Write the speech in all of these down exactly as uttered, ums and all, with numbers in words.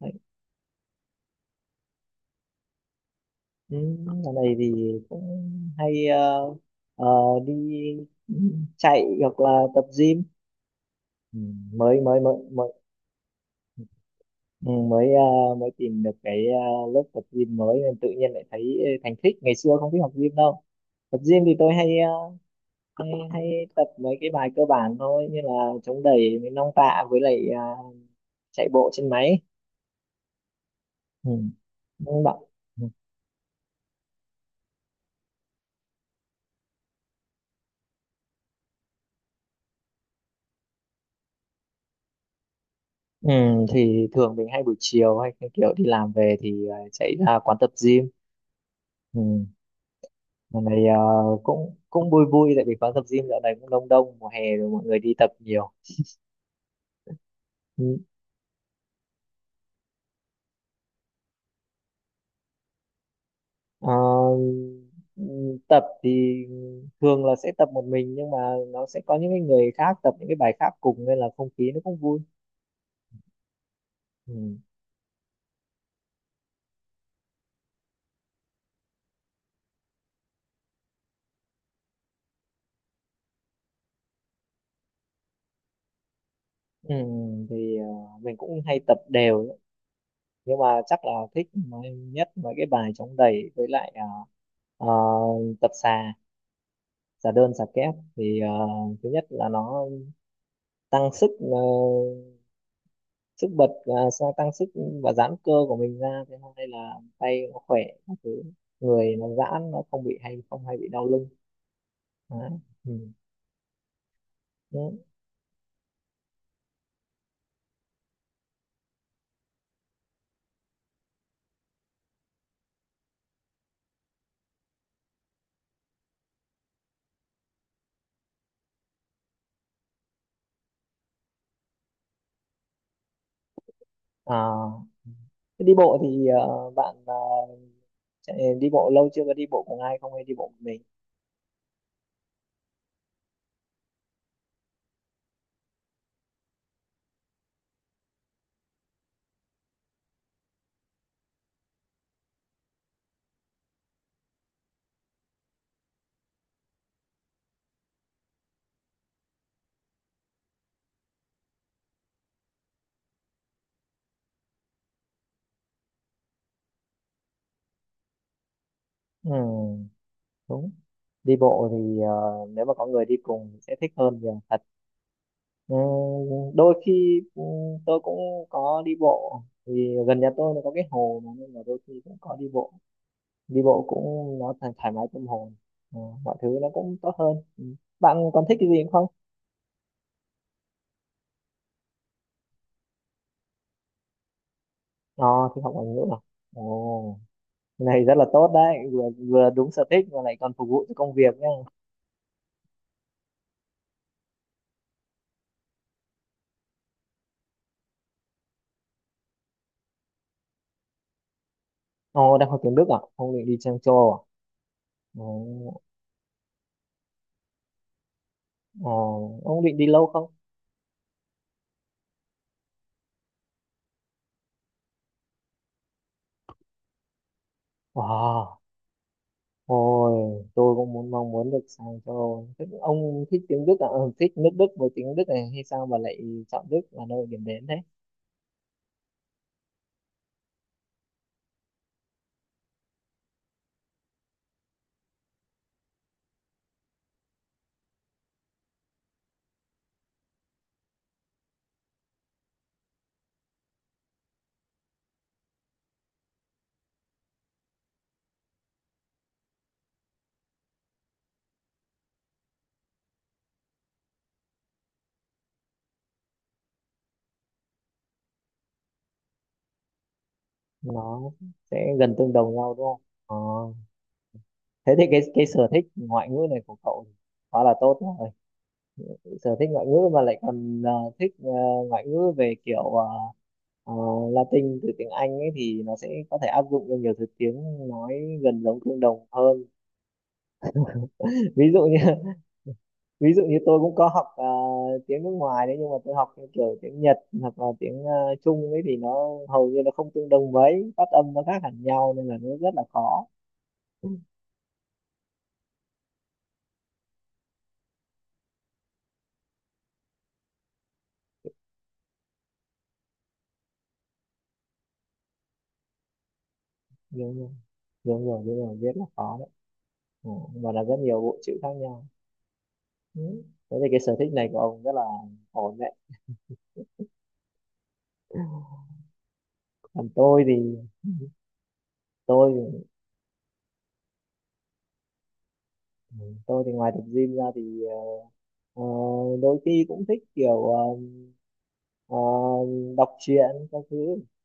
Đấy. Ừ, dạo này thì cũng hay ờ, ờ, đi ừ, chạy hoặc là tập gym. ừ, mới mới mới mới ừ, mới ờ, mới tìm được cái ờ, lớp tập gym mới nên tự nhiên lại thấy thành thích, ngày xưa không thích học gym đâu. Tập gym thì tôi hay ờ, hay, hay tập mấy cái bài cơ bản thôi, như là chống đẩy với nong tạ với lại ờ, chạy bộ trên máy. Ừ. Đúng không bạn? Ừ, thì thường mình hay buổi chiều, hay cái kiểu đi làm về thì ờ, chạy ra quán tập gym. Ừ. Lần này ờ, cũng cũng vui vui, tại vì quán tập gym dạo này cũng đông đông, mùa hè rồi mọi người đi tập nhiều. Ừ. Ờ, ừ, Tập thì thường là sẽ tập một mình, nhưng mà nó sẽ có những cái người khác tập những cái bài khác cùng nên là không khí nó cũng vui. Ừ. Ừ. Thì ờ, mình cũng hay tập đều ấy. Nhưng mà chắc là thích mấy- nhất mấy cái bài chống đẩy, với lại ờ, ờ, tập xà xà đơn xà kép thì ờ, thứ nhất là nó tăng sức, ờ, sức bật và sao, tăng sức và giãn cơ của mình ra, thế hôm nay là tay nó khỏe các thứ, người nó giãn, nó không bị hay không hay bị đau lưng. Đấy. Ừ. Thế, à, thế đi bộ thì ờ, bạn ờ, chạy, đi bộ lâu chưa? Có đi bộ cùng ai không hay đi bộ một mình? Ừ, đúng. Đi bộ thì ờ, nếu mà có người đi cùng thì sẽ thích hơn nhiều thật. Ừ, đôi khi ừ, tôi cũng có đi bộ. Thì gần nhà tôi nó có cái hồ mà, nên là đôi khi cũng có đi bộ. Đi bộ cũng nó thoải, thoải mái tâm hồn. Ờ, mọi thứ nó cũng tốt hơn. Ừ. Bạn còn thích cái gì nữa không? ờ thì học ngoại ngữ à? Ồ. Cái này rất là tốt đấy, vừa vừa đúng sở thích mà lại còn phục vụ cho công việc nhá. Ồ, đang học tiếng Đức à? Ông định đi sang châu Âu à? Ồ. Ồ, ông định đi lâu không? Wow. Ôi, tôi cũng muốn mong muốn được sang châu Âu. Thế ông thích tiếng Đức à? ừ, Thích nước Đức với tiếng Đức này hay sao mà lại chọn Đức là nơi điểm đến thế? Nó sẽ gần tương đồng nhau đúng không? Ờ. Thế thì cái cái sở thích ngoại ngữ này của cậu quá là tốt rồi. Sở thích ngoại ngữ mà lại còn ờ, thích ờ, ngoại ngữ về kiểu ờ, ờ, Latin từ tiếng Anh ấy, thì nó sẽ có thể áp dụng cho nhiều thứ tiếng nói gần giống tương đồng hơn. Ví dụ như. Ví dụ như tôi cũng có học ờ, tiếng nước ngoài đấy, nhưng mà tôi học theo kiểu tiếng Nhật hoặc là tiếng ờ, Trung ấy thì nó hầu như nó không tương đồng mấy, phát âm nó khác hẳn nhau nên là nó rất là khó. Nhiều nhiều nhiều nhiều nhiều, biết là khó đấy. ừ, và là rất nhiều bộ chữ khác nhau. Ừ. Thế thì cái sở thích này của ông rất là ổn đấy. Còn tôi thì tôi thì- tôi thì ngoài tập gym ra thì ờ, ờ, đôi khi cũng thích kiểu ờ, ờ, đọc truyện các thứ.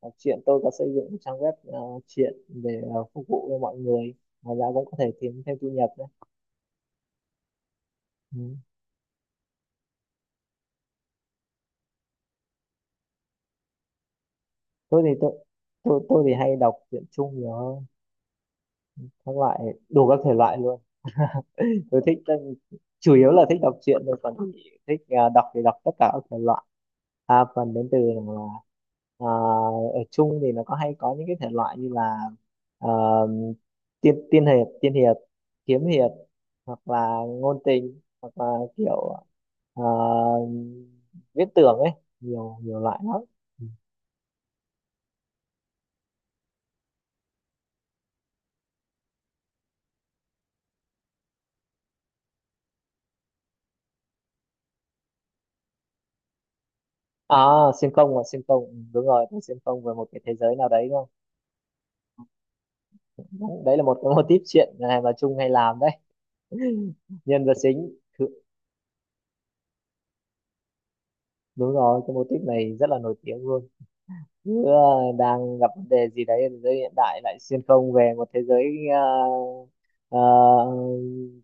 Đọc truyện, tôi có xây dựng một trang web ờ, truyện để ờ, phục vụ cho mọi người. Ngoài ra cũng có thể kiếm thêm thu nhập nữa. Ừ. Tôi thì tôi tôi tôi thì hay đọc truyện chung nhiều hơn. Các loại, đủ các thể loại luôn. Tôi thích, ờ, chủ yếu là thích đọc truyện thôi. Còn thích à, đọc thì đọc tất cả các thể loại. À, phần đến từ là, à, ở chung thì nó có hay có những cái thể loại như là à, tiên tiên hiệp tiên hiệp, kiếm hiệp, hoặc là ngôn tình, hoặc là kiểu à, viễn tưởng ấy, nhiều nhiều loại lắm. À xuyên không và xuyên không. Ừ, đúng rồi, tôi xuyên không về một cái thế giới nào đấy. Đấy là một cái mô típ chuyện này mà Trung hay làm đấy. Nhân vật chính Thự- đúng rồi, cái mô típ này rất là nổi tiếng luôn. Cứ ờ, đang gặp vấn đề gì đấy ở thế giới hiện đại, lại xuyên không về một thế giới ờ, ờ,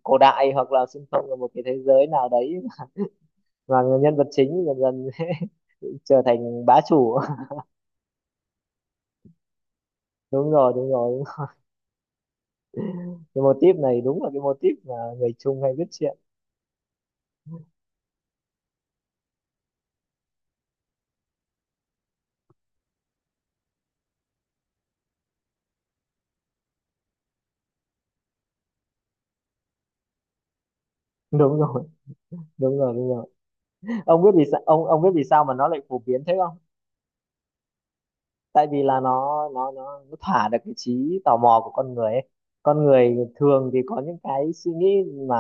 cổ đại, hoặc là xuyên không về một cái thế giới nào đấy, mà nhân vật chính dần dần trở thành bá chủ. Đúng rồi, đúng rồi, đúng rồi. Cái mô típ này đúng là cái mô típ mà người Trung hay viết chuyện. Đúng rồi, đúng rồi, đúng rồi. Ông biết vì sao ông ông biết vì sao mà nó lại phổ biến thế không? Tại vì là nó nó nó nó thỏa được cái trí tò mò của con người ấy. Con người thường thì có những cái suy nghĩ mà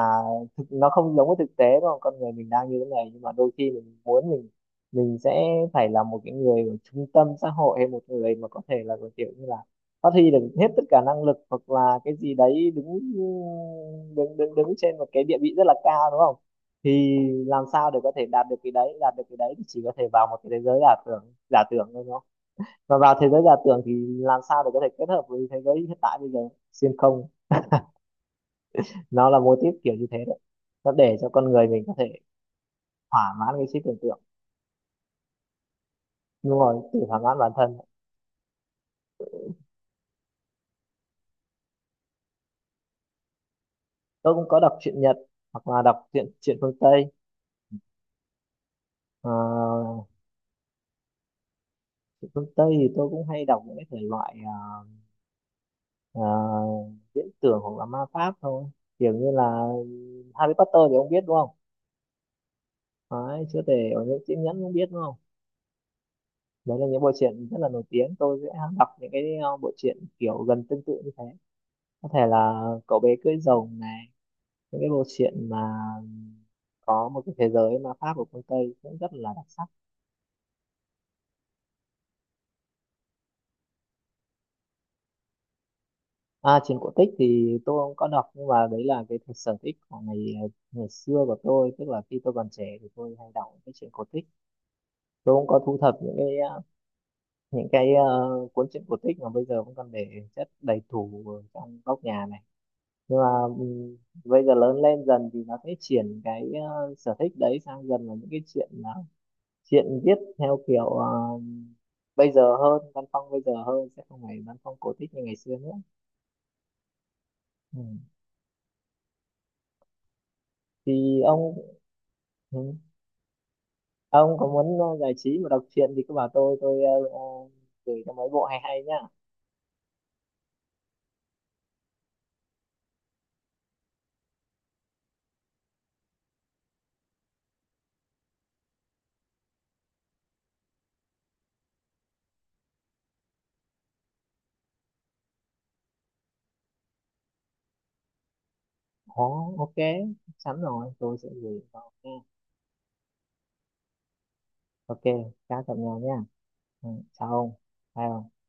thực, nó không giống với thực tế đúng không? Con người mình đang như thế này nhưng mà đôi khi mình muốn mình mình sẽ phải là một cái người ở trung tâm xã hội hay một người mà có thể là một kiểu như là phát huy được hết tất cả năng lực, hoặc là cái gì đấy đứng đứng đứng đứng trên một cái địa vị rất là cao đúng không? Thì làm sao để có thể đạt được cái đấy, đạt được cái đấy thì chỉ có thể vào một cái thế giới giả tưởng, giả tưởng thôi. Và vào thế giới giả tưởng thì làm sao để có thể kết hợp với thế giới hiện tại bây giờ? Xuyên không. Nó là mô típ kiểu như thế đấy, nó để cho con người mình có thể thỏa mãn cái trí tưởng tượng. Đúng rồi, tự thỏa mãn bản thân. Tôi cũng có đọc truyện Nhật hoặc là đọc truyện truyện phương Tây. Ờ, truyện phương Tây thì tôi cũng hay đọc những cái thể loại ờ, ờ, viễn tưởng hoặc là ma pháp thôi, kiểu như là Harry Potter thì ông biết đúng không? Đấy, chữa thể ở những chiếc nhẫn cũng biết đúng không? Đấy là những bộ truyện rất là nổi tiếng, tôi sẽ đọc những cái ờ, bộ truyện kiểu gần tương tự như thế, có thể là cậu bé cưỡi rồng này, những cái bộ truyện mà có một cái thế giới ma pháp của phương Tây cũng rất là đặc sắc. À truyện cổ tích thì tôi không có đọc, nhưng mà đấy là cái sở thích của ngày ờ, ngày xưa của tôi, tức là khi tôi còn trẻ thì tôi hay đọc những cái truyện cổ tích. Tôi cũng có thu thập những cái ờ, những cái ờ, cuốn truyện cổ tích mà bây giờ vẫn còn để chất đầy tủ ở trong góc nhà này, nhưng mà ừm, bây giờ lớn lên dần thì nó sẽ chuyển cái ờ, sở thích đấy sang dần là những cái chuyện là chuyện viết theo kiểu ờ, bây giờ hơn, văn phong bây giờ hơn, sẽ không phải văn phong cổ tích như ngày xưa nữa. Ừ. Thì ông. Ừ. Ông có muốn ờ, giải trí và đọc truyện thì cứ bảo tôi tôi ờ, ờ, gửi cho mấy bộ hay hay nhá. Ồ, ok, chắn rồi, tôi sẽ gửi vào nha. Ok, chào tạm nhau nha. Ừ. Chào ông. Bye ông.